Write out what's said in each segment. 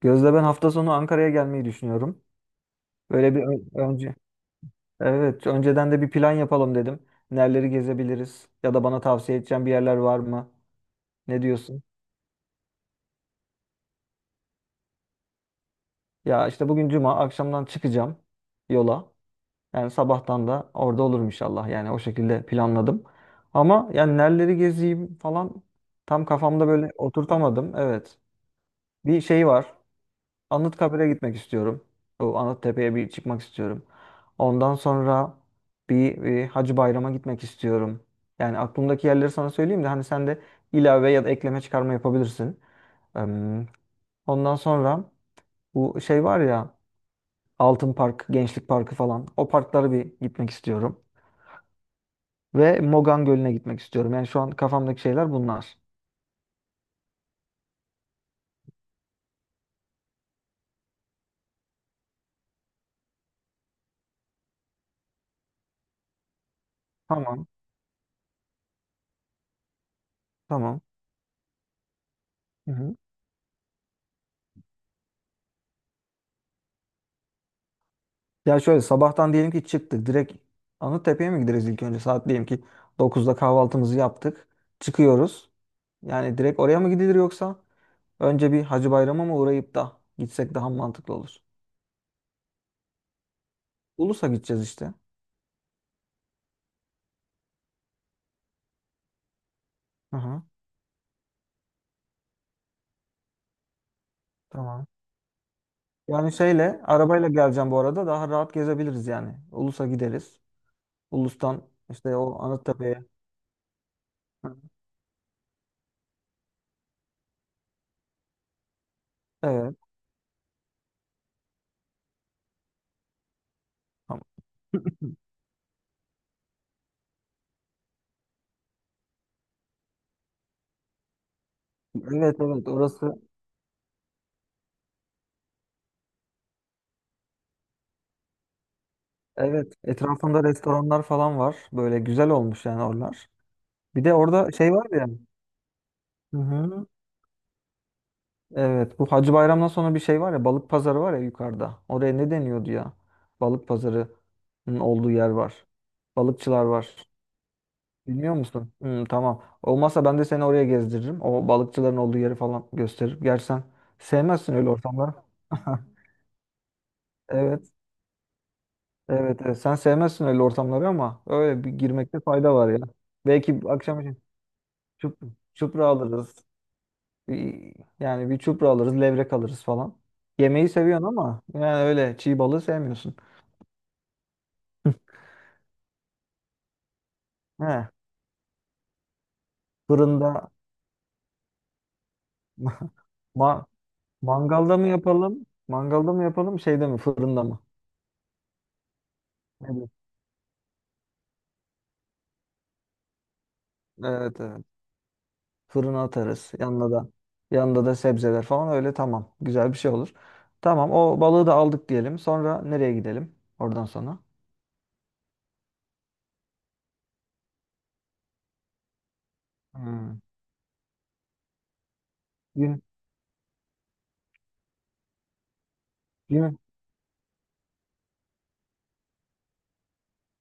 Gözde, ben hafta sonu Ankara'ya gelmeyi düşünüyorum. Böyle bir önce, evet, önceden de bir plan yapalım dedim. Nereleri gezebiliriz ya da bana tavsiye edeceğin bir yerler var mı? Ne diyorsun? Ya işte bugün cuma akşamdan çıkacağım yola. Yani sabahtan da orada olurum inşallah. Yani o şekilde planladım. Ama yani nereleri gezeyim falan tam kafamda böyle oturtamadım. Evet. Bir şey var. Anıtkabir'e gitmek istiyorum. Bu Anıttepe'ye bir çıkmak istiyorum. Ondan sonra bir Hacı Bayram'a gitmek istiyorum. Yani aklımdaki yerleri sana söyleyeyim de hani sen de ilave ya da ekleme çıkarma yapabilirsin. Em, Ondan sonra bu şey var ya, Altın Park, Gençlik Parkı falan, o parklara bir gitmek istiyorum. Ve Mogan Gölü'ne gitmek istiyorum. Yani şu an kafamdaki şeyler bunlar. Tamam, tamam. Hı hı. Ya şöyle sabahtan diyelim ki çıktık. Direkt Anıttepe'ye mi gideriz ilk önce? Saat diyelim ki 9'da kahvaltımızı yaptık. Çıkıyoruz. Yani direkt oraya mı gidilir, yoksa önce bir Hacı Bayram'a mı uğrayıp da gitsek daha mantıklı olur. Ulus'a gideceğiz işte. Hı hı, tamam. Yani şeyle, arabayla geleceğim bu arada, daha rahat gezebiliriz yani. Ulus'a gideriz. Ulus'tan işte o Anıttepe'ye. Hı. Evet. Tamam. Evet, evet, orası. Evet, etrafında restoranlar falan var. Böyle güzel olmuş yani oralar. Bir de orada şey var ya. Hı hı. Evet, bu Hacı Bayram'dan sonra bir şey var ya, balık pazarı var ya yukarıda. Oraya ne deniyordu ya? Balık pazarının olduğu yer var. Balıkçılar var. Bilmiyor musun? Hı, tamam. Olmazsa ben de seni oraya gezdiririm. O balıkçıların olduğu yeri falan gösteririm. Gerçi sen sevmezsin öyle ortamları. Evet, evet, evet. Sen sevmezsin öyle ortamları ama öyle bir girmekte fayda var ya. Belki akşam için çup, çupra alırız. Bir- Yani bir çupra alırız, levrek alırız falan. Yemeği seviyorsun ama yani öyle çiğ balığı sevmiyorsun. He, fırında. ma Mangalda mı yapalım? Mangalda mı yapalım? Şeyde mi? Fırında mı? Ne bileyim. Evet, evet. Fırına atarız. Yanında da sebzeler falan, öyle, tamam. Güzel bir şey olur. Tamam, o balığı da aldık diyelim. Sonra nereye gidelim? Oradan sonra. Hmm. Gün gün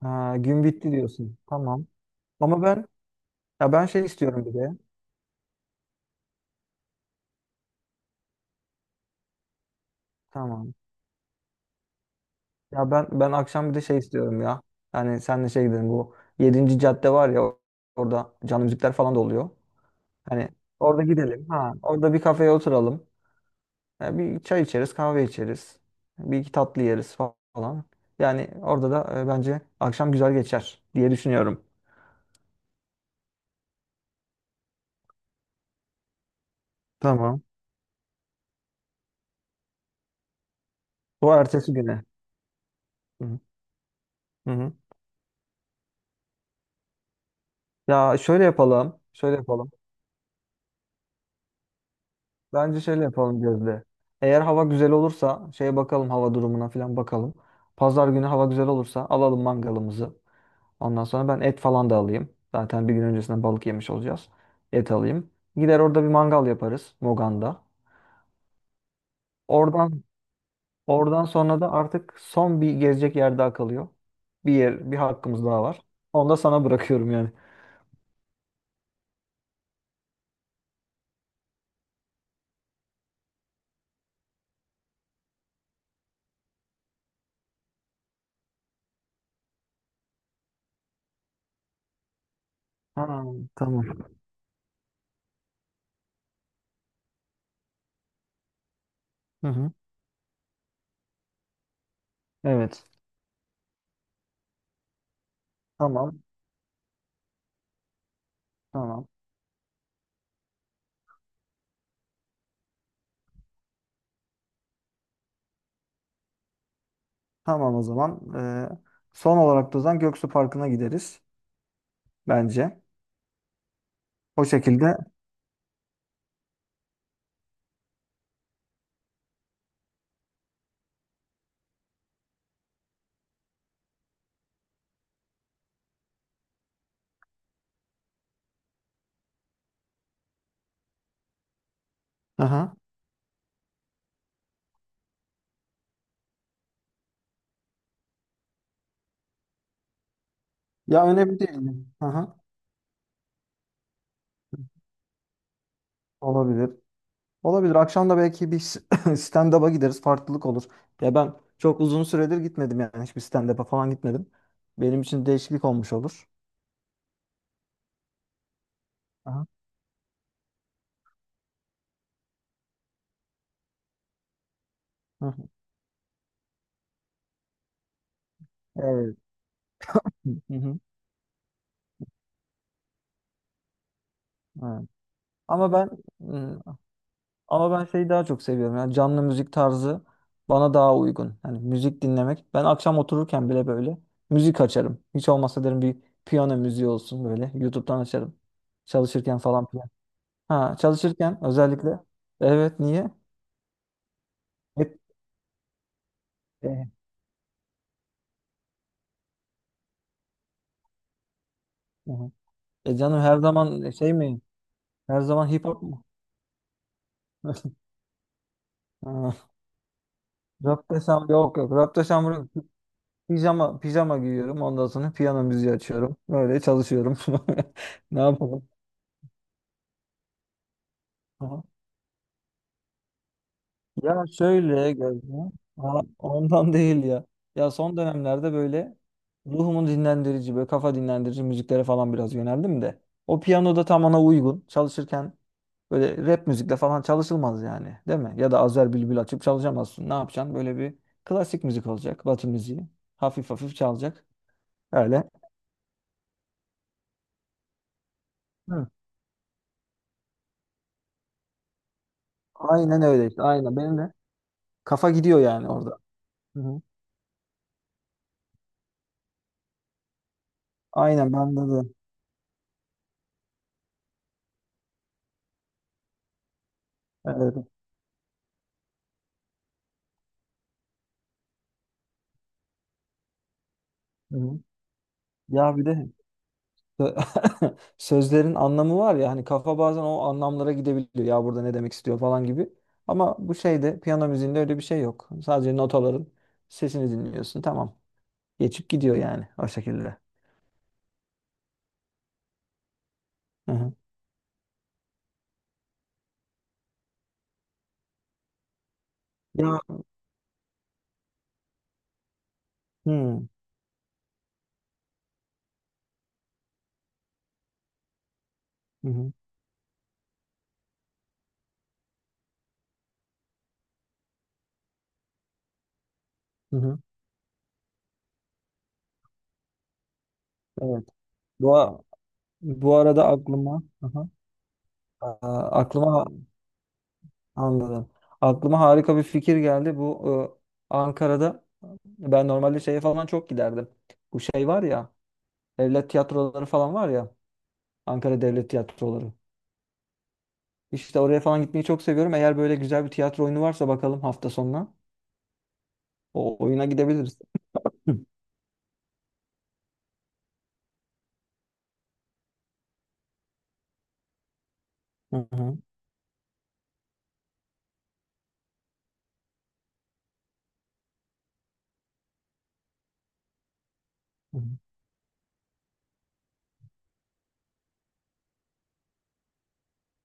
ha, gün bitti diyorsun. Tamam. Ama ben, ya ben şey istiyorum bir de. Tamam. Ya ben akşam bir de şey istiyorum ya. Yani senle şey gidelim, bu Yedinci cadde var ya, orada canlı müzikler falan da oluyor. Hani orada gidelim. Ha, orada bir kafeye oturalım. Ya bir çay içeriz, kahve içeriz. Bir iki tatlı yeriz falan. Yani orada da bence akşam güzel geçer diye düşünüyorum. Tamam. Bu ertesi güne. Hı hı. Hı hı. Ya şöyle yapalım. Şöyle yapalım. Bence şöyle yapalım, Gözde. Eğer hava güzel olursa şeye bakalım, hava durumuna falan bakalım. Pazar günü hava güzel olursa alalım mangalımızı. Ondan sonra ben et falan da alayım. Zaten bir gün öncesinden balık yemiş olacağız. Et alayım. Gider, orada bir mangal yaparız Mogan'da. Oradan oradan sonra da artık son bir gezecek yer daha kalıyor. Bir yer, bir hakkımız daha var. Onu da sana bırakıyorum yani. Ha, tamam. Hı hı. Evet. Tamam. Tamam. Tamam o zaman. Son olarak da o zaman Göksu Parkı'na gideriz bence. O şekilde. Aha. Ya önemli değil. Aha. Olabilir. Olabilir. Akşam da belki stand-up'a gideriz. Farklılık olur. Ya ben çok uzun süredir gitmedim yani. Hiçbir stand-up'a falan gitmedim. Benim için değişiklik olmuş olur. Aha. Hı hı. Evet. Hı hı. Evet. Ama ben ıı, Ama ben şeyi daha çok seviyorum. Yani canlı müzik tarzı bana daha uygun. Yani müzik dinlemek. Ben akşam otururken bile böyle müzik açarım. Hiç olmazsa derim, bir piyano müziği olsun böyle. YouTube'dan açarım. Çalışırken falan filan. Ha, çalışırken özellikle. Evet, niye? Hep, e, hı hı. E canım, her zaman şey mi? Her zaman hip hop mu? Ha, rap desem yok yok. Rap desem yok. Pijama pijama giyiyorum. Ondan sonra piyano müziği açıyorum. Böyle çalışıyorum. Ne yapalım? Ya şöyle Gözde, ha, ondan değil ya. Ya son dönemlerde böyle ruhumun dinlendirici, böyle kafa dinlendirici müziklere falan biraz yöneldim de. O piyano da tam ona uygun. Çalışırken böyle rap müzikle falan çalışılmaz yani. Değil mi? Ya da Azer Bülbül açıp çalışamazsın. Ne yapacaksın? Böyle bir klasik müzik olacak. Batı müziği. Hafif hafif çalacak. Öyle. Hı. Aynen öyle işte. Aynen. Benim de kafa gidiyor yani orada. Hı hı. Aynen bende de. Evet. Hı hı. Ya bir de Sö- sözlerin anlamı var ya, hani kafa bazen o anlamlara gidebiliyor. Ya burada ne demek istiyor falan gibi. Ama bu şeyde, piyano müziğinde, öyle bir şey yok. Sadece notaların sesini dinliyorsun. Tamam. Geçip gidiyor yani o şekilde. Hı hı. Ya. Hı hı. Hı hı. Evet. Bu, a- bu arada aklıma, hı hı. Aa, aklıma, anladım. Aklıma harika bir fikir geldi. Bu Ankara'da ben normalde şeye falan çok giderdim. Bu şey var ya, devlet tiyatroları falan var ya. Ankara Devlet Tiyatroları. İşte oraya falan gitmeyi çok seviyorum. Eğer böyle güzel bir tiyatro oyunu varsa bakalım hafta sonuna. O oyuna gidebiliriz. Hı. Hı hı. Hı. Hı.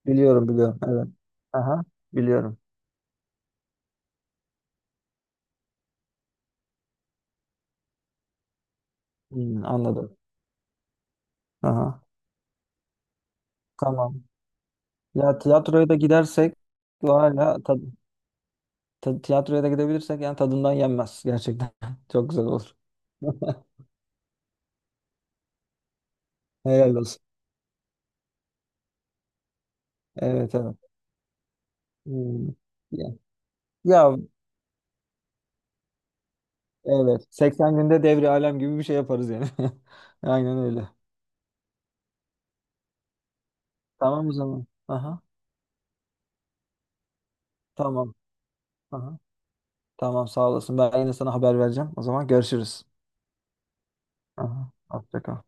Biliyorum, biliyorum. Evet. Aha, biliyorum. Hmm, anladım. Aha, tamam. Ya tiyatroya da gidersek, var ya, tiyatroya da gidebilirsek, yani tadından yenmez gerçekten. Çok güzel olur. Helal olsun. Evet, evet. Hmm. Ya, ya evet, 80 günde devri alem gibi bir şey yaparız yani. Aynen öyle. Tamam o zaman. Aha, tamam. Aha, tamam, sağ olasın. Ben yine sana haber vereceğim. O zaman görüşürüz. Aha, hoşça kal.